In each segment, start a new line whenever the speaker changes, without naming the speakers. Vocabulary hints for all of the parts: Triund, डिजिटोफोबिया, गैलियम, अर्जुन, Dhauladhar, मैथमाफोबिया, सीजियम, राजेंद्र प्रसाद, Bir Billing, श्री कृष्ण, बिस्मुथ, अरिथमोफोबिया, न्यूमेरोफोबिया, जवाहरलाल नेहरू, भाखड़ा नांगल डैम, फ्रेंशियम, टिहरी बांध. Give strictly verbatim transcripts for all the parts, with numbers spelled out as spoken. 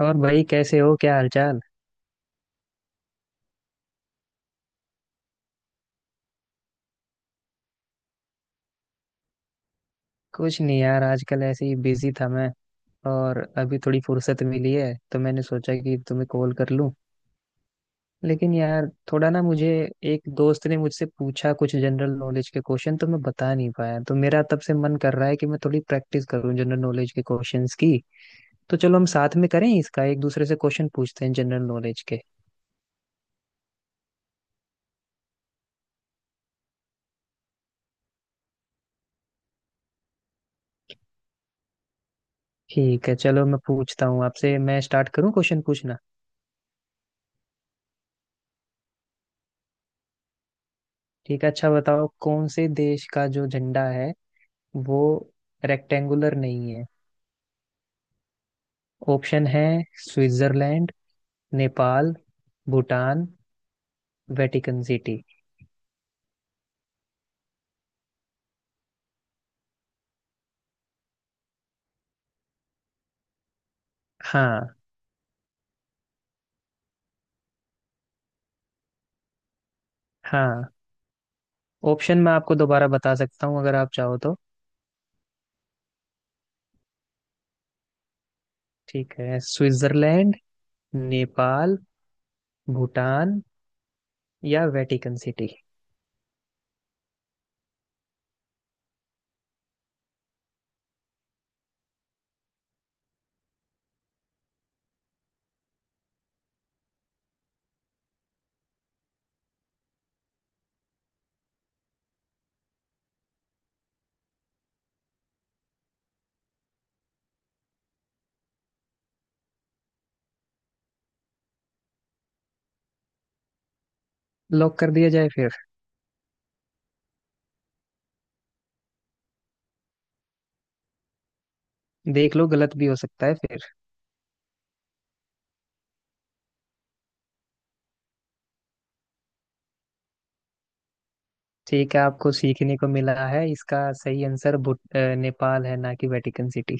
और भाई कैसे हो, क्या हालचाल? कुछ नहीं यार, आजकल ऐसे ही बिजी था मैं और अभी थोड़ी फुर्सत मिली है तो मैंने सोचा कि तुम्हें कॉल कर लूं। लेकिन यार थोड़ा ना मुझे, एक दोस्त ने मुझसे पूछा कुछ जनरल नॉलेज के क्वेश्चन तो मैं बता नहीं पाया, तो मेरा तब से मन कर रहा है कि मैं थोड़ी प्रैक्टिस करूं जनरल नॉलेज के क्वेश्चंस की। तो चलो हम साथ में करें इसका, एक दूसरे से क्वेश्चन पूछते हैं जनरल नॉलेज के। ठीक है चलो मैं पूछता हूँ आपसे, मैं स्टार्ट करूँ क्वेश्चन पूछना? ठीक है, अच्छा बताओ, कौन से देश का जो झंडा है वो रेक्टेंगुलर नहीं है? ऑप्शन है, Switzerland, Nepal, Bhutan, Vatican City. हाँ। हाँ, ऑप्शन मैं आपको दोबारा बता सकता हूँ अगर आप चाहो तो। ठीक है, स्विट्जरलैंड, नेपाल, भूटान या वेटिकन सिटी। लॉक कर दिया जाए फिर? देख लो, गलत भी हो सकता है फिर। ठीक है, आपको सीखने को मिला है, इसका सही आंसर भूट अ, नेपाल है, ना कि वेटिकन सिटी।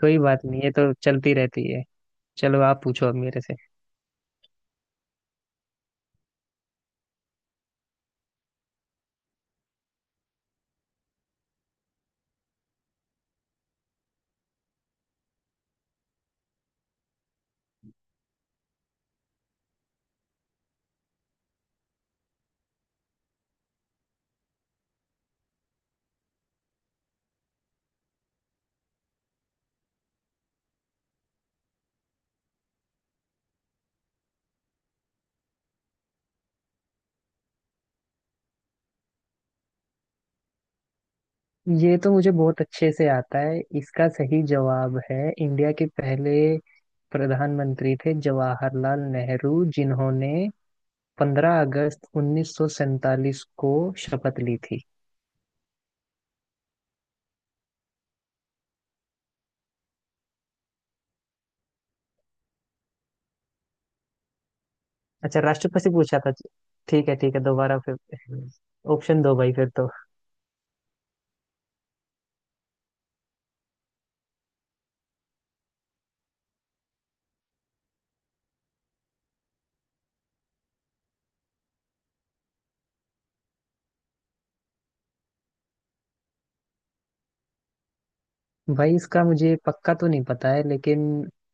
कोई बात नहीं, ये तो चलती रहती है। चलो आप पूछो अब मेरे से। ये तो मुझे बहुत अच्छे से आता है, इसका सही जवाब है, इंडिया के पहले प्रधानमंत्री थे जवाहरलाल नेहरू, जिन्होंने पंद्रह अगस्त उन्नीस सौ सैंतालीस को शपथ ली थी। अच्छा, राष्ट्रपति पूछा था। ठीक है ठीक है, दोबारा फिर ऑप्शन दो भाई फिर तो। भाई इसका मुझे पक्का तो नहीं पता है, लेकिन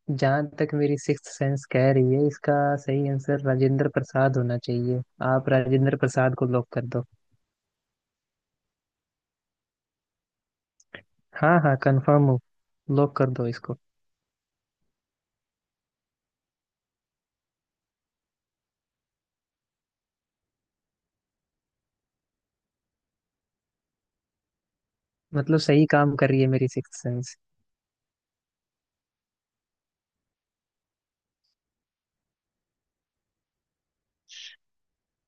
जहाँ तक मेरी सिक्स्थ सेंस कह रही है, इसका सही आंसर राजेंद्र प्रसाद होना चाहिए। आप राजेंद्र प्रसाद को लॉक कर दो। हाँ हाँ, कंफर्म हो। लॉक कर दो इसको। मतलब सही काम कर रही है मेरी सिक्स सेंस।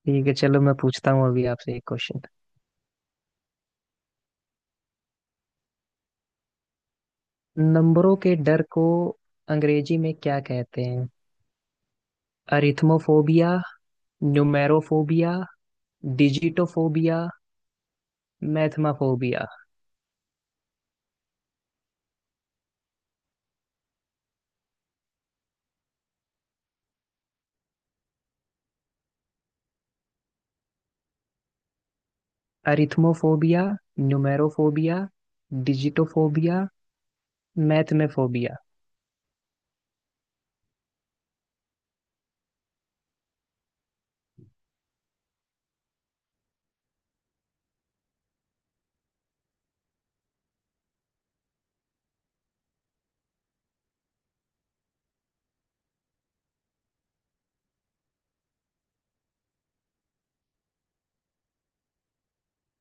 ठीक है चलो मैं पूछता हूँ अभी आपसे एक क्वेश्चन। नंबरों के डर को अंग्रेजी में क्या कहते हैं? अरिथमोफोबिया, न्यूमेरोफोबिया, डिजिटोफोबिया, मैथमाफोबिया? अरिथमोफोबिया, न्यूमेरोफोबिया, डिजिटोफोबिया, मैथमेफोबिया।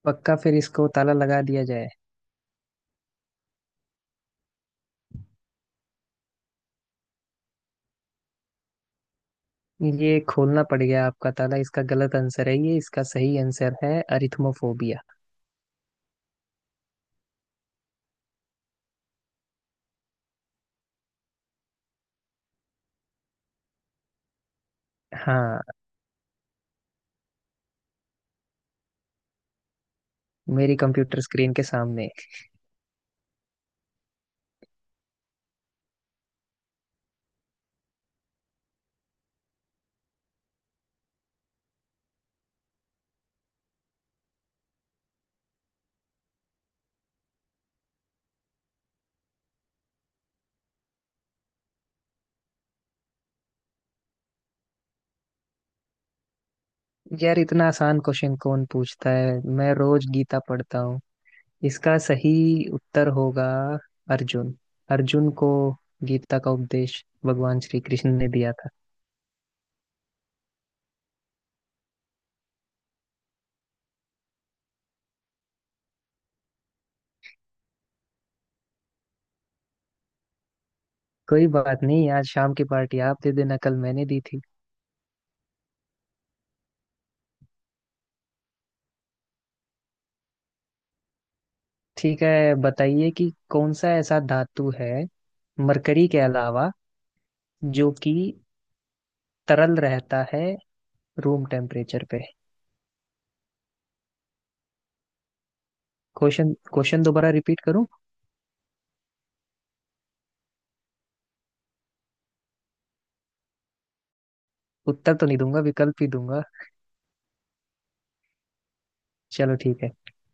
पक्का? फिर इसको ताला लगा दिया जाए। ये खोलना पड़ गया आपका ताला, इसका गलत आंसर है ये, इसका सही आंसर है अरिथमोफोबिया। हाँ। मेरी कंप्यूटर स्क्रीन के सामने। यार इतना आसान क्वेश्चन कौन पूछता है? मैं रोज गीता पढ़ता हूँ। इसका सही उत्तर होगा अर्जुन। अर्जुन को गीता का उपदेश भगवान श्री कृष्ण ने दिया था। कोई बात नहीं, आज शाम की पार्टी आप दे देना, कल मैंने दी थी। ठीक है, बताइए कि कौन सा ऐसा धातु है मरकरी के अलावा, जो कि तरल रहता है रूम टेम्परेचर पे? क्वेश्चन क्वेश्चन दोबारा रिपीट करूं? उत्तर तो नहीं दूंगा, विकल्प ही दूंगा। चलो ठीक है,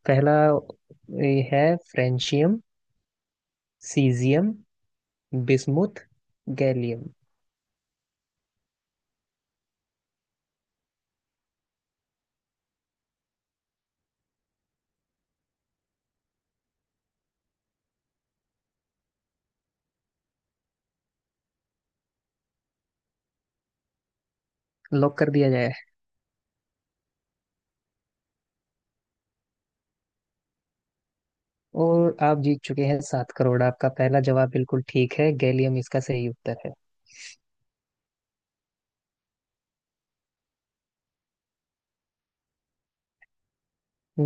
पहला ये है, फ्रेंशियम, सीजियम, बिस्मुथ, गैलियम। Lock कर दिया जाए? और आप जीत चुके हैं सात करोड़। आपका पहला जवाब बिल्कुल ठीक है, गैलियम इसका सही उत्तर है।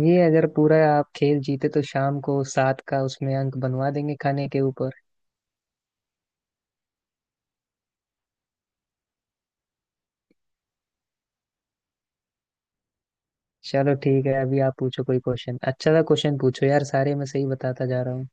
ये अगर पूरा आप खेल जीते तो शाम को सात का उसमें अंक बनवा देंगे खाने के ऊपर। चलो ठीक है, अभी आप पूछो कोई क्वेश्चन, अच्छा सा क्वेश्चन पूछो यार, सारे मैं सही बताता जा रहा हूँ।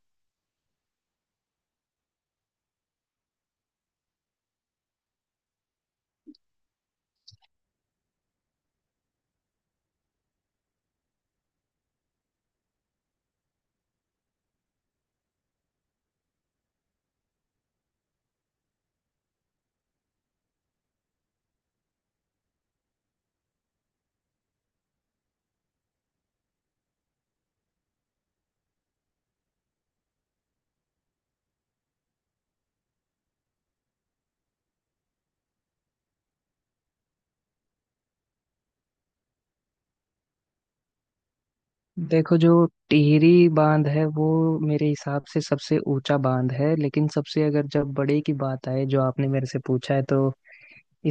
देखो, जो टिहरी बांध है वो मेरे हिसाब से सबसे ऊंचा बांध है, लेकिन सबसे, अगर जब बड़े की बात आए जो आपने मेरे से पूछा है, तो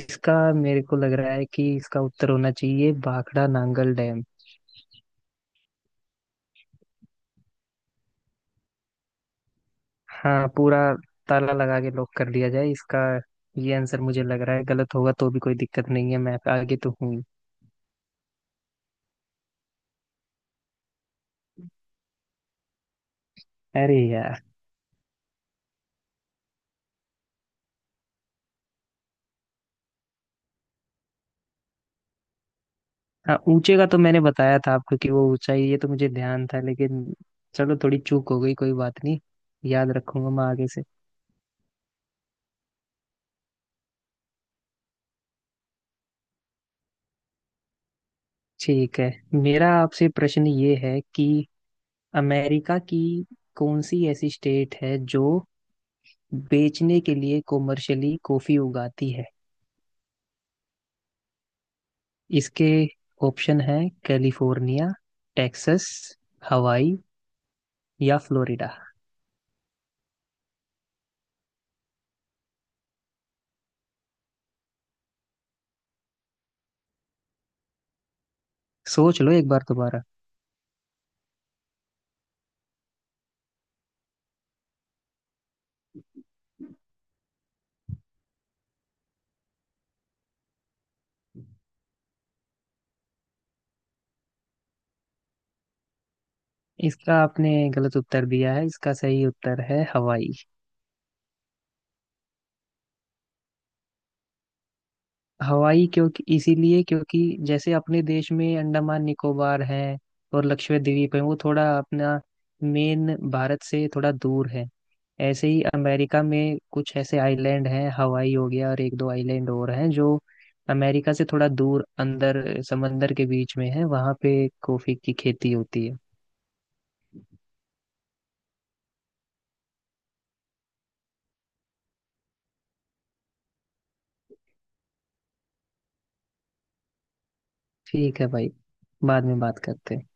इसका मेरे को लग रहा है कि इसका उत्तर होना चाहिए भाखड़ा नांगल डैम। हाँ पूरा, ताला लगा के लॉक कर लिया जाए इसका। ये आंसर मुझे लग रहा है, गलत होगा तो भी कोई दिक्कत नहीं है, मैं आगे तो हूँ ही। अरे यार। हाँ, ऊंचे का तो मैंने बताया था आपको कि वो ऊंचा ही है, ये तो मुझे ध्यान था, लेकिन चलो थोड़ी चूक हो गई, कोई बात नहीं। याद रखूंगा मैं आगे से। ठीक है, मेरा आपसे प्रश्न ये है कि अमेरिका की कौन सी ऐसी स्टेट है जो बेचने के लिए कॉमर्शियली कॉफी उगाती है? इसके ऑप्शन है, कैलिफोर्निया, टेक्सास, हवाई या फ्लोरिडा। सोच लो एक बार दोबारा। इसका आपने गलत उत्तर दिया है, इसका सही उत्तर है हवाई। हवाई क्योंकि, इसीलिए क्योंकि जैसे अपने देश में अंडमान निकोबार है और लक्षद्वीप द्वीप है, वो थोड़ा अपना मेन भारत से थोड़ा दूर है, ऐसे ही अमेरिका में कुछ ऐसे आइलैंड हैं, हवाई हो गया और एक दो आइलैंड और हैं, जो अमेरिका से थोड़ा दूर अंदर समंदर के बीच में है, वहां पे कॉफी की खेती होती है। ठीक है भाई, बाद में बात करते हैं।